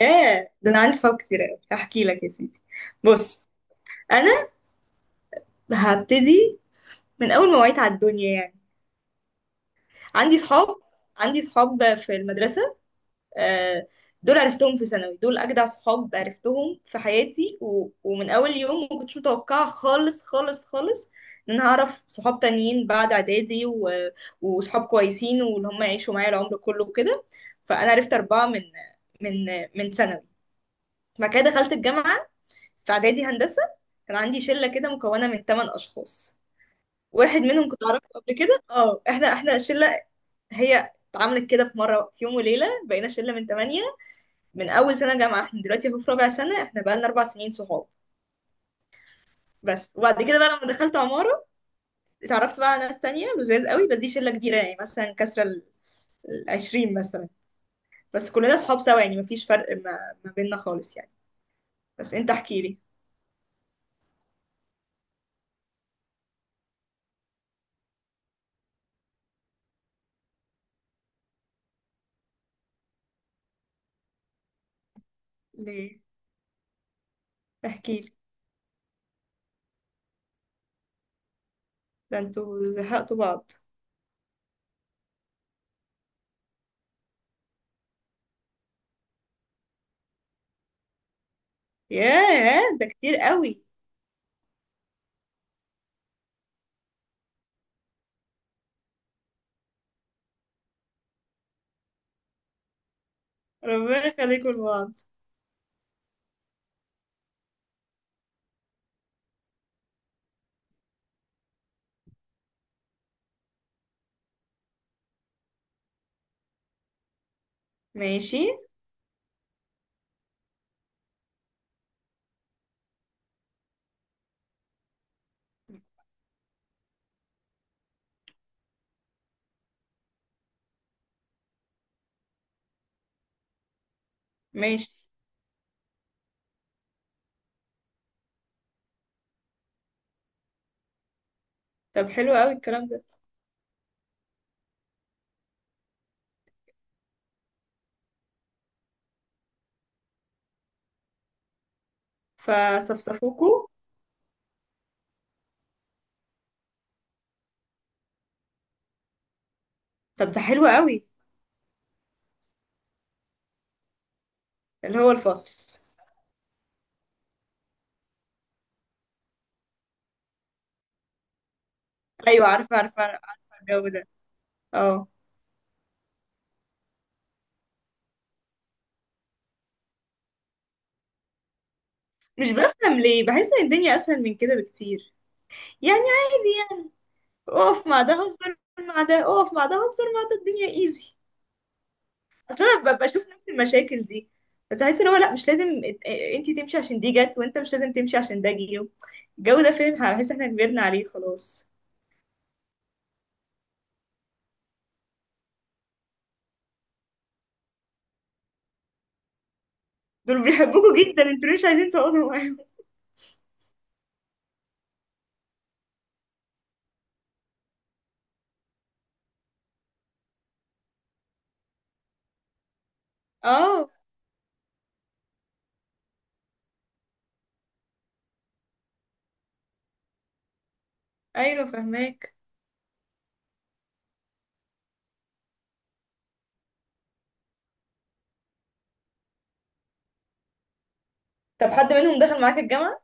ياه، ده انا عندي صحاب كتير قوي، هحكي لك يا سيدي. بص. انا هبتدي من اول ما وعيت على الدنيا يعني. عندي صحاب عندي صحاب في المدرسه. آه. دول عرفتهم في ثانوي، دول اجدع صحاب عرفتهم في حياتي ومن اول يوم ما كنتش متوقعه خالص خالص خالص ان انا هعرف صحاب تانيين بعد اعدادي وصحاب كويسين واللي هم يعيشوا معايا العمر كله وكده. فانا عرفت اربعه من من ثانوي. بعد كده دخلت الجامعه. في اعدادي هندسه كان عندي شله كده مكونه من ثمان اشخاص. واحد منهم كنت اعرفه قبل كده. اه احنا شله، هي اتعملت كده في مره، في يوم وليله بقينا شله من ثمانيه. من اول سنه جامعه احنا دلوقتي اهو في رابع سنه، احنا بقى لنا 4 سنين صحاب. بس. وبعد كده بقى لما دخلت عماره، اتعرفت بقى على ناس تانية لذاذ قوي. بس دي شله كبيره، يعني مثلا كسره ال 20 مثلا. بس كلنا صحاب سوا، يعني مفيش فرق ما بيننا خالص يعني. بس انت احكي لي. ليه؟ احكي لي. ده انتوا زهقتوا بعض؟ ياه ده كتير قوي. ربنا يخليكم لبعض. ماشي. ماشي. طب حلو قوي الكلام ده. فصفصفوكوا. طب ده حلو قوي. اللي هو الفصل. ايوه، عارفه، عارفه، عارفه. الجو ده. اه. مش بفهم ليه، بحس ان الدنيا اسهل من كده بكتير. يعني عادي يعني. اقف مع ده هزر مع ده، اقف مع ده هزر مع ده، الدنيا ايزي. اصل انا ببقى بشوف نفس المشاكل دي، بس احس ان هو لا مش لازم. انت تمشي عشان دي جت، وانت مش لازم تمشي عشان ده جه. الجو ده فاهم، هحس احنا كبرنا عليه خلاص. دول بيحبوكوا جدا، انتوا ليه مش عايزين تقعدوا معاهم؟ اه. ايوه فهماك. طب حد منهم دخل معاك الجامعة؟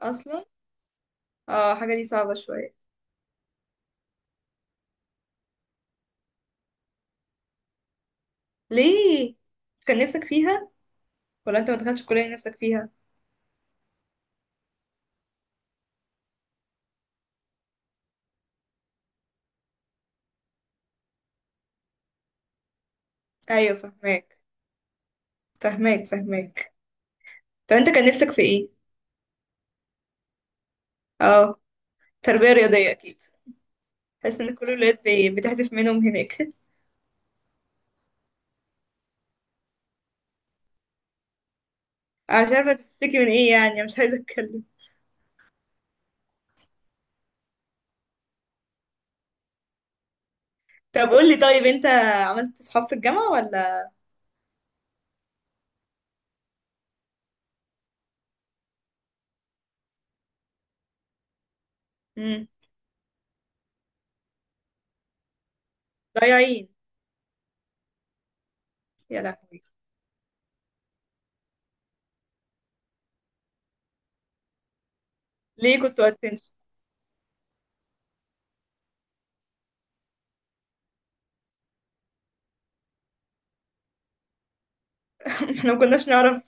اصلا؟ اه، حاجة دي صعبة شوية. ليه؟ كان نفسك فيها؟ ولا انت ما دخلتش الكلية اللي نفسك فيها؟ ايوه فهماك، فهماك، فهماك. طب انت كان نفسك في ايه؟ اه، تربية رياضية اكيد. حاسس ان كل الولاد بتحدف منهم هناك. انا مش عارفه تشتكي من ايه، يعني أنا مش عايزه اتكلم. طب قول لي طيب، انت عملت صحاب في الجامعه ولا؟ امم. ضايعين. يا لهوي. ليه كنتوا اتنشن؟ احنا ما كناش نعرف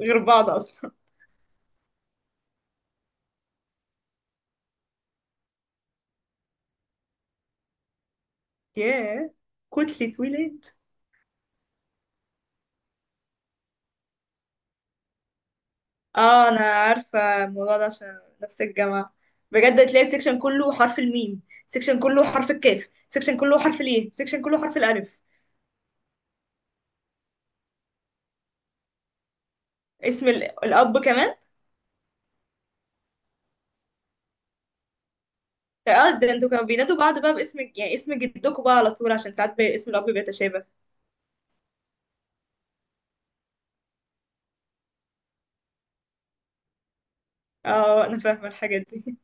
غير بعض اصلا. ياه، كتلة ولاد. اه، انا عارفه الموضوع ده عشان نفس الجامعه. بجد تلاقي السكشن كله حرف الميم، سكشن كله حرف الكاف، سكشن كله حرف الايه، سكشن كله حرف الالف. اسم الاب كمان. اه، ده انتوا كانوا بينادوا بعض بقى باسم، يعني اسم جدكم بقى على طول عشان ساعات اسم الاب بيتشابه. اه، انا فاهمه الحاجات دي.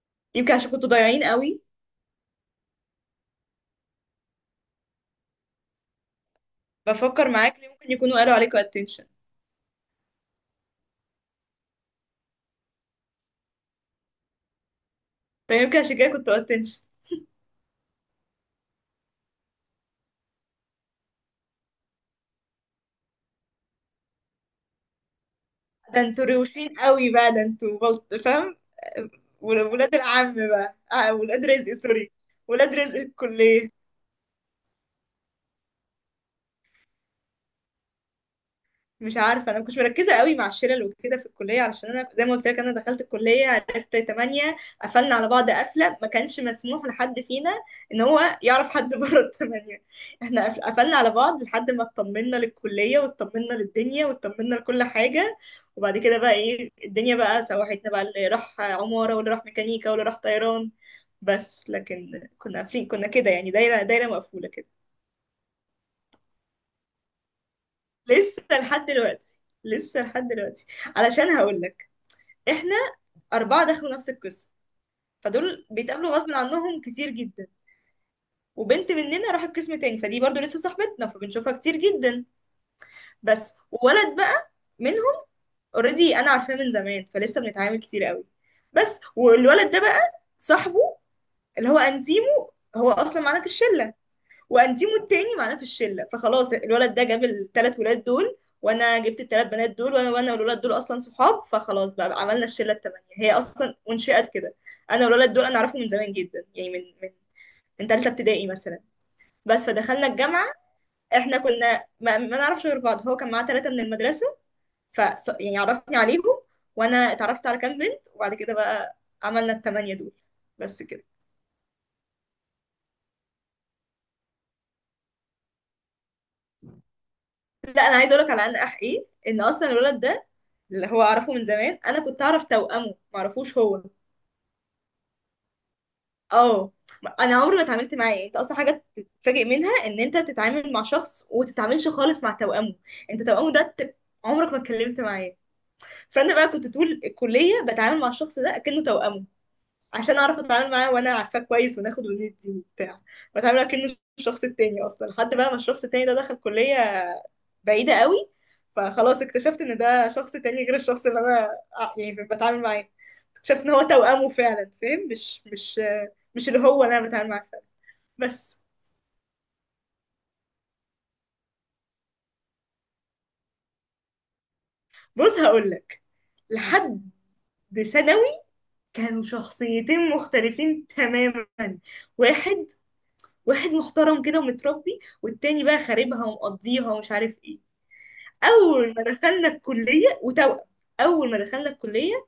يمكن عشان كنتوا ضايعين قوي. بفكر معاك ليه ممكن يكونوا قالوا عليكم اتنشن. فيمكن عشان كده كنتوا اتنشن. ده انتوا روشين قوي بقى، ده انتوا بلط فاهم. ولاد العم بقى. آه، ولاد رزق. سوري، ولاد رزق الكليه. مش عارفه، انا مكنتش مركزه قوي مع الشلل وكده في الكليه، علشان انا زي ما قلت لك انا دخلت الكليه عرفت 8. قفلنا على بعض قفله ما كانش مسموح لحد فينا ان هو يعرف حد بره الثمانيه. احنا قفلنا على بعض لحد ما اطمنا للكليه واطمنا للدنيا واطمنا لكل حاجه. وبعد كده بقى ايه، الدنيا بقى سوحتنا بقى، اللي راح عماره واللي راح ميكانيكا واللي راح طيران. بس لكن كنا قافلين كنا كده، يعني دايره دايره مقفوله كده. لسه لحد دلوقتي. لسه لحد دلوقتي. علشان هقول لك، احنا أربعة دخلوا نفس القسم، فدول بيتقابلوا غصب عنهم كتير جدا. وبنت مننا راحت قسم تاني، فدي برضو لسه صاحبتنا فبنشوفها كتير جدا. بس ولد بقى منهم اوريدي انا عارفاه من زمان، فلسه بنتعامل كتير قوي. بس والولد ده بقى صاحبه اللي هو انتيمو هو اصلا معانا في الشله، وانتيمو التاني معانا في الشله، فخلاص الولد ده جاب الثلاث ولاد دول وانا جبت الثلاث بنات دول، وانا والولاد دول اصلا صحاب، فخلاص بقى عملنا الشله الثمانيه، هي اصلا انشئت كده. انا والولد دول انا اعرفهم من زمان جدا، يعني من ثالثه ابتدائي مثلا. بس فدخلنا الجامعه، احنا كنا ما نعرفش غير بعض، هو كان معاه ثلاثه من المدرسه. ف يعني عرفني عليهم، وانا اتعرفت على كام بنت. وبعد كده بقى عملنا الثمانيه دول. بس كده. لا انا عايزه اقول لك على ان ايه، ان اصلا الولد ده اللي هو اعرفه من زمان انا كنت اعرف توأمه، معرفوش هو. اه. انا عمري ما اتعاملت معاه، يعني انت اصلا حاجه تتفاجئ منها ان انت تتعامل مع شخص وتتعاملش خالص مع توأمه. انت توأمه ده عمرك ما اتكلمت معاه. فانا بقى كنت طول الكليه بتعامل مع الشخص ده اكنه توأمه، عشان اعرف اتعامل معاه وانا عارفاه كويس وناخد وندي وبتاع. بتعامل اكنه الشخص التاني، اصلا لحد بقى ما الشخص التاني ده دخل كليه بعيدة قوي، فخلاص اكتشفت ان ده شخص تاني غير الشخص اللي انا يعني بتعامل معاه. اكتشفت ان هو توأمه فعلا، فاهم؟ مش اللي هو اللي انا بتعامل معاه فعلا. بس. بص هقولك. لحد ثانوي كانوا شخصيتين مختلفين تماما. واحد واحد محترم كده ومتربي، والتاني بقى خاربها ومقضيها ومش عارف ايه. اول ما دخلنا الكلية وتوأم اول ما دخلنا الكلية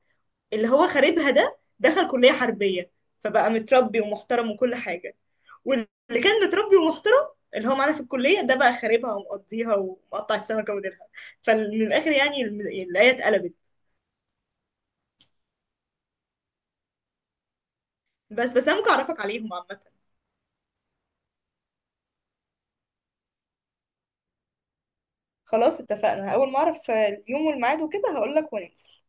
اللي هو خاربها ده دخل كلية حربية، فبقى متربي ومحترم وكل حاجة. واللي كان متربي ومحترم اللي هو معانا في الكلية ده بقى خاربها ومقضيها ومقطع السمكة وديلها. فمن الآخر يعني الآية اتقلبت. بس أنا ممكن أعرفك عليهم عامة. خلاص اتفقنا، أول ما أعرف اليوم والميعاد وكده هقولك وننزل.